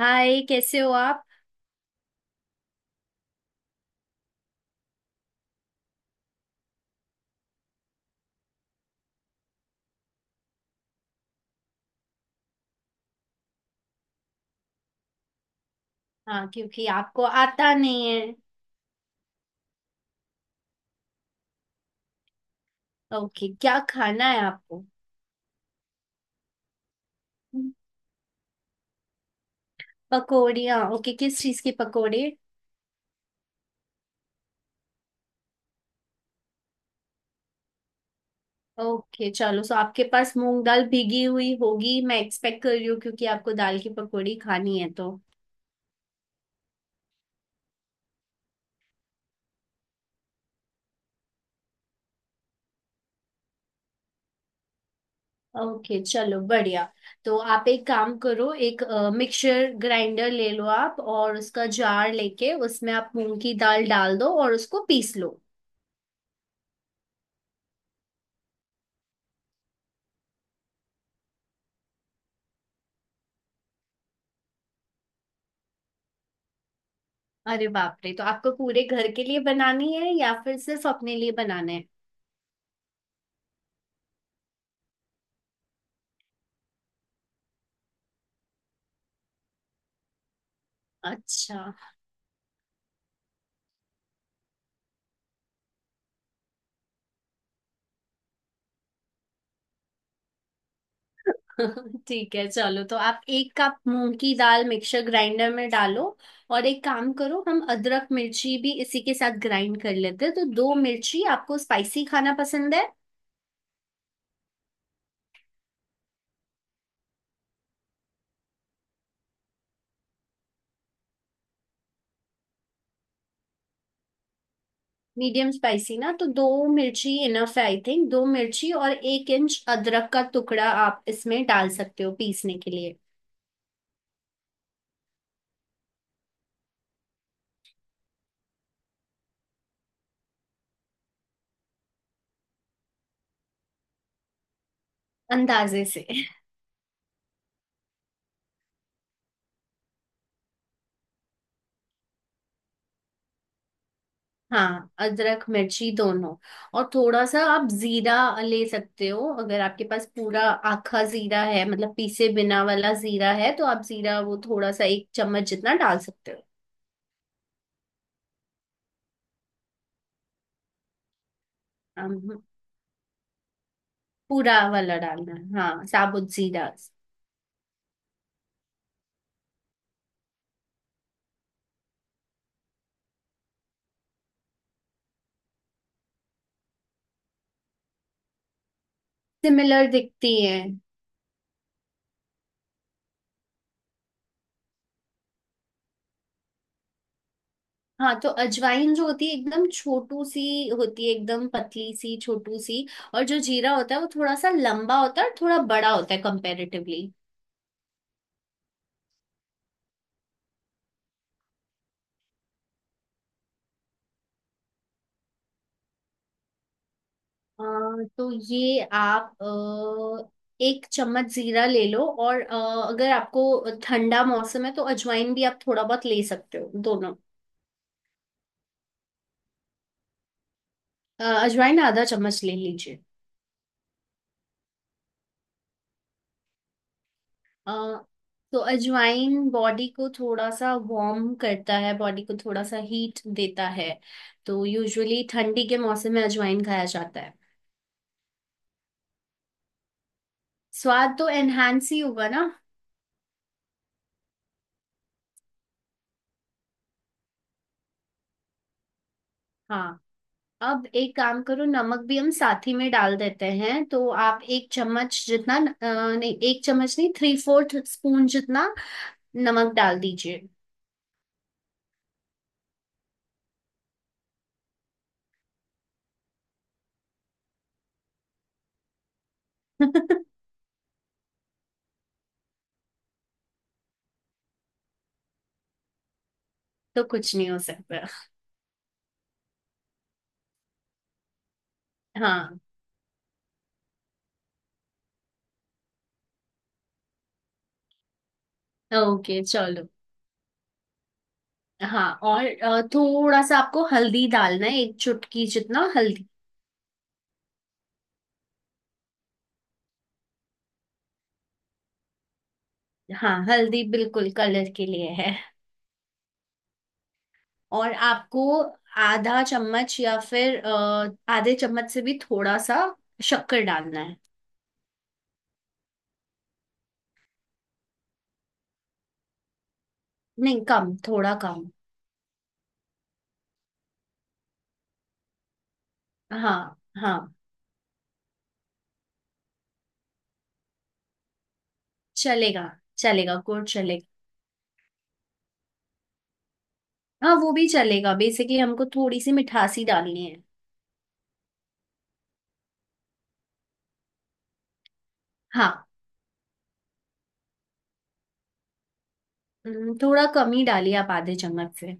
हाय, कैसे हो आप। हाँ, क्योंकि आपको आता नहीं है। ओके, क्या खाना है आपको। पकौड़ियाँ। ओके, किस चीज के पकौड़े। ओके चलो, सो आपके पास मूंग दाल भीगी हुई होगी, मैं एक्सपेक्ट कर रही हूँ, क्योंकि आपको दाल की पकौड़ी खानी है तो। ओके चलो, बढ़िया। तो आप एक काम करो, एक मिक्सर ग्राइंडर ले लो आप, और उसका जार लेके उसमें आप मूंग की दाल डाल दो, और उसको पीस लो। अरे बाप रे, तो आपको पूरे घर के लिए बनानी है या फिर सिर्फ अपने लिए बनाना है। अच्छा। ठीक है चलो, तो आप 1 कप मूंग की दाल मिक्सर ग्राइंडर में डालो। और एक काम करो, हम अदरक मिर्ची भी इसी के साथ ग्राइंड कर लेते हैं, तो दो मिर्ची। आपको स्पाइसी खाना पसंद है। मीडियम स्पाइसी ना, तो दो मिर्ची इनफ है आई थिंक। दो मिर्ची और 1 इंच अदरक का टुकड़ा आप इसमें डाल सकते हो पीसने के लिए। अंदाजे से। हाँ, अदरक मिर्ची दोनों, और थोड़ा सा आप जीरा ले सकते हो। अगर आपके पास पूरा आखा जीरा है, मतलब पीसे बिना वाला जीरा है, तो आप जीरा वो थोड़ा सा 1 चम्मच जितना डाल सकते हो। अम, पूरा वाला डालना है, हाँ साबुत जीरा। सिमिलर दिखती है। हाँ, तो अजवाइन जो होती है एकदम छोटू सी होती है, एकदम पतली सी, छोटू सी। और जो जीरा होता है वो थोड़ा सा लंबा होता है, और थोड़ा बड़ा होता है कंपेरेटिवली। अ, तो ये आप एक चम्मच जीरा ले लो, और अगर आपको ठंडा मौसम है तो अजवाइन भी आप थोड़ा बहुत ले सकते हो दोनों। अजवाइन ½ चम्मच ले लीजिए। अ, तो अजवाइन बॉडी को थोड़ा सा वार्म करता है, बॉडी को थोड़ा सा हीट देता है। तो यूजुअली ठंडी के मौसम में अजवाइन खाया जाता है। स्वाद तो एनहांस ही होगा ना। हाँ, अब एक काम करो, नमक भी हम साथ ही में डाल देते हैं। तो आप एक चम्मच जितना, नहीं एक चम्मच नहीं, थ्री फोर्थ स्पून जितना नमक डाल दीजिए। तो कुछ नहीं हो सकता। हाँ, ओके चलो। हाँ, और थोड़ा सा आपको हल्दी डालना है, 1 चुटकी जितना हल्दी। हाँ, हल्दी बिल्कुल कलर के लिए है। और आपको ½ चम्मच या फिर आधे चम्मच से भी थोड़ा सा शक्कर डालना है। नहीं, कम, थोड़ा कम। हाँ हाँ, चलेगा। चलेगा, गुड़ चलेगा। हाँ, वो भी चलेगा, बेसिकली हमको थोड़ी सी मिठासी डालनी है। हाँ। थोड़ा कम ही डालिए आप आधे चम्मच से।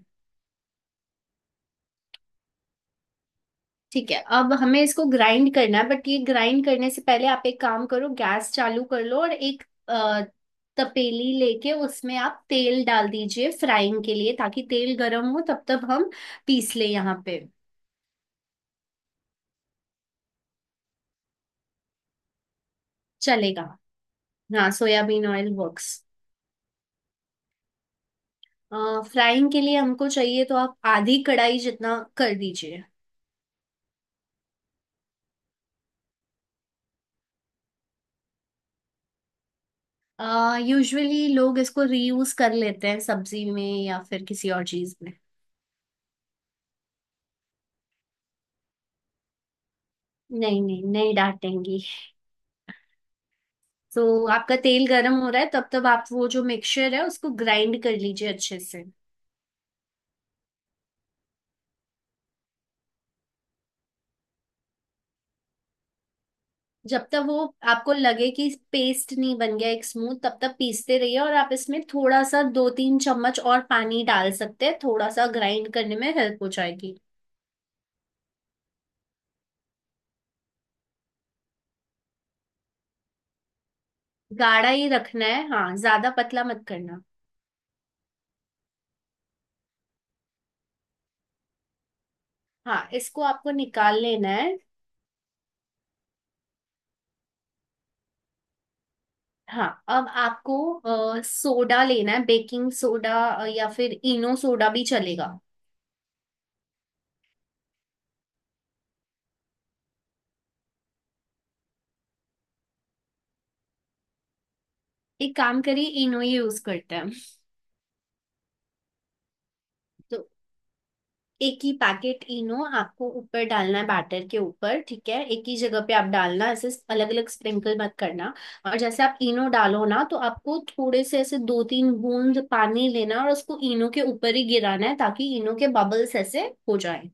ठीक है, अब हमें इसको ग्राइंड करना है, बट ये ग्राइंड करने से पहले आप एक काम करो, गैस चालू कर लो, और एक अ, तपेली लेके उसमें आप तेल डाल दीजिए फ्राइंग के लिए, ताकि तेल गर्म हो, तब तक हम पीस ले यहाँ पे। चलेगा। हाँ, सोयाबीन ऑयल वर्क्स। फ्राइंग के लिए हमको चाहिए, तो आप आधी कढ़ाई जितना कर दीजिए। यूजुअली लोग इसको रीयूज कर लेते हैं, सब्जी में या फिर किसी और चीज में। नहीं नहीं, नहीं डांटेंगी। तो आपका तेल गर्म हो रहा है, तब तक आप वो जो मिक्सचर है उसको ग्राइंड कर लीजिए अच्छे से। जब तक वो आपको लगे कि पेस्ट नहीं बन गया एक स्मूथ, तब तक पीसते रहिए। और आप इसमें थोड़ा सा 2-3 चम्मच और पानी डाल सकते हैं, थोड़ा सा ग्राइंड करने में हेल्प हो जाएगी। गाढ़ा ही रखना है, हाँ ज्यादा पतला मत करना। हाँ, इसको आपको निकाल लेना है। हाँ, अब आपको सोडा लेना है, बेकिंग सोडा, या फिर इनो सोडा भी चलेगा। एक काम करिए, इनो ही यूज करते हैं। तो एक ही पैकेट इनो आपको ऊपर डालना है बैटर के ऊपर, ठीक है। एक ही जगह पे आप डालना, ऐसे अलग अलग स्प्रिंकल मत करना। और जैसे आप इनो डालो ना, तो आपको थोड़े से ऐसे 2-3 बूंद पानी लेना, और उसको इनो के ऊपर ही गिराना है, ताकि इनो के बबल्स ऐसे हो जाए।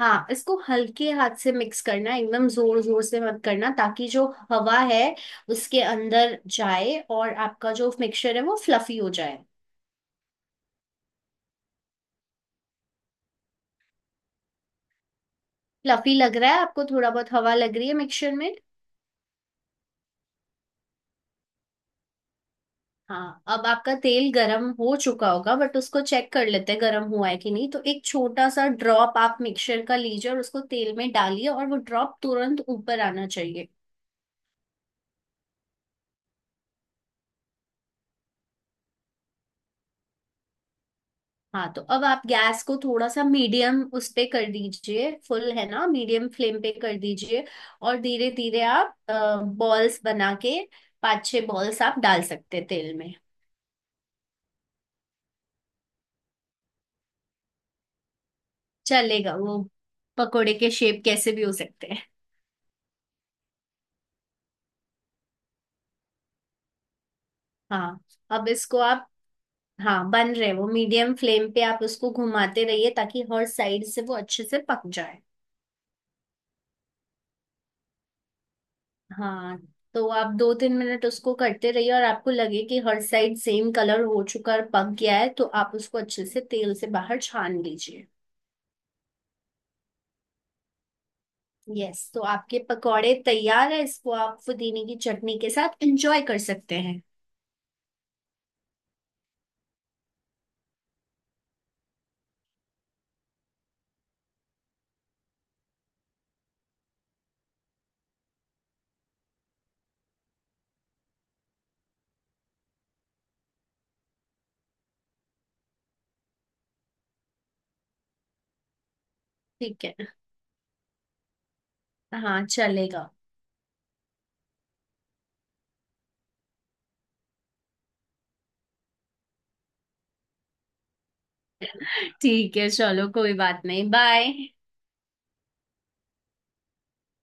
हाँ, इसको हल्के हाथ से मिक्स करना है, एकदम जोर जोर से मत करना, ताकि जो हवा है उसके अंदर जाए और आपका जो मिक्सचर है वो फ्लफी हो जाए। फ्लफी लग रहा है आपको? थोड़ा बहुत हवा लग रही है मिक्सचर में। हाँ, अब आपका तेल गरम हो चुका होगा, बट उसको चेक कर लेते हैं गरम हुआ है कि नहीं। तो एक छोटा सा ड्रॉप आप मिक्सचर का लीजिए, और उसको तेल में डालिए, और वो ड्रॉप तुरंत ऊपर आना चाहिए। हाँ, तो अब आप गैस को थोड़ा सा मीडियम उस पे कर दीजिए, फुल है ना, मीडियम फ्लेम पे कर दीजिए। और धीरे धीरे आप बॉल्स बना के 5-6 बॉल्स आप डाल सकते हैं तेल में। चलेगा वो, पकोड़े के शेप कैसे भी हो सकते हैं। हाँ, अब इसको आप, हाँ बन रहे, वो मीडियम फ्लेम पे आप उसको घुमाते रहिए, ताकि हर साइड से वो अच्छे से पक जाए। हाँ, तो आप 2-3 मिनट उसको करते रहिए, और आपको लगे कि हर साइड सेम कलर हो चुका और पक गया है, तो आप उसको अच्छे से तेल से बाहर छान लीजिए। यस, तो आपके पकौड़े तैयार है, इसको आप पुदीने की चटनी के साथ एंजॉय कर सकते हैं। ठीक है। हाँ चलेगा। ठीक है चलो, कोई बात नहीं, बाय।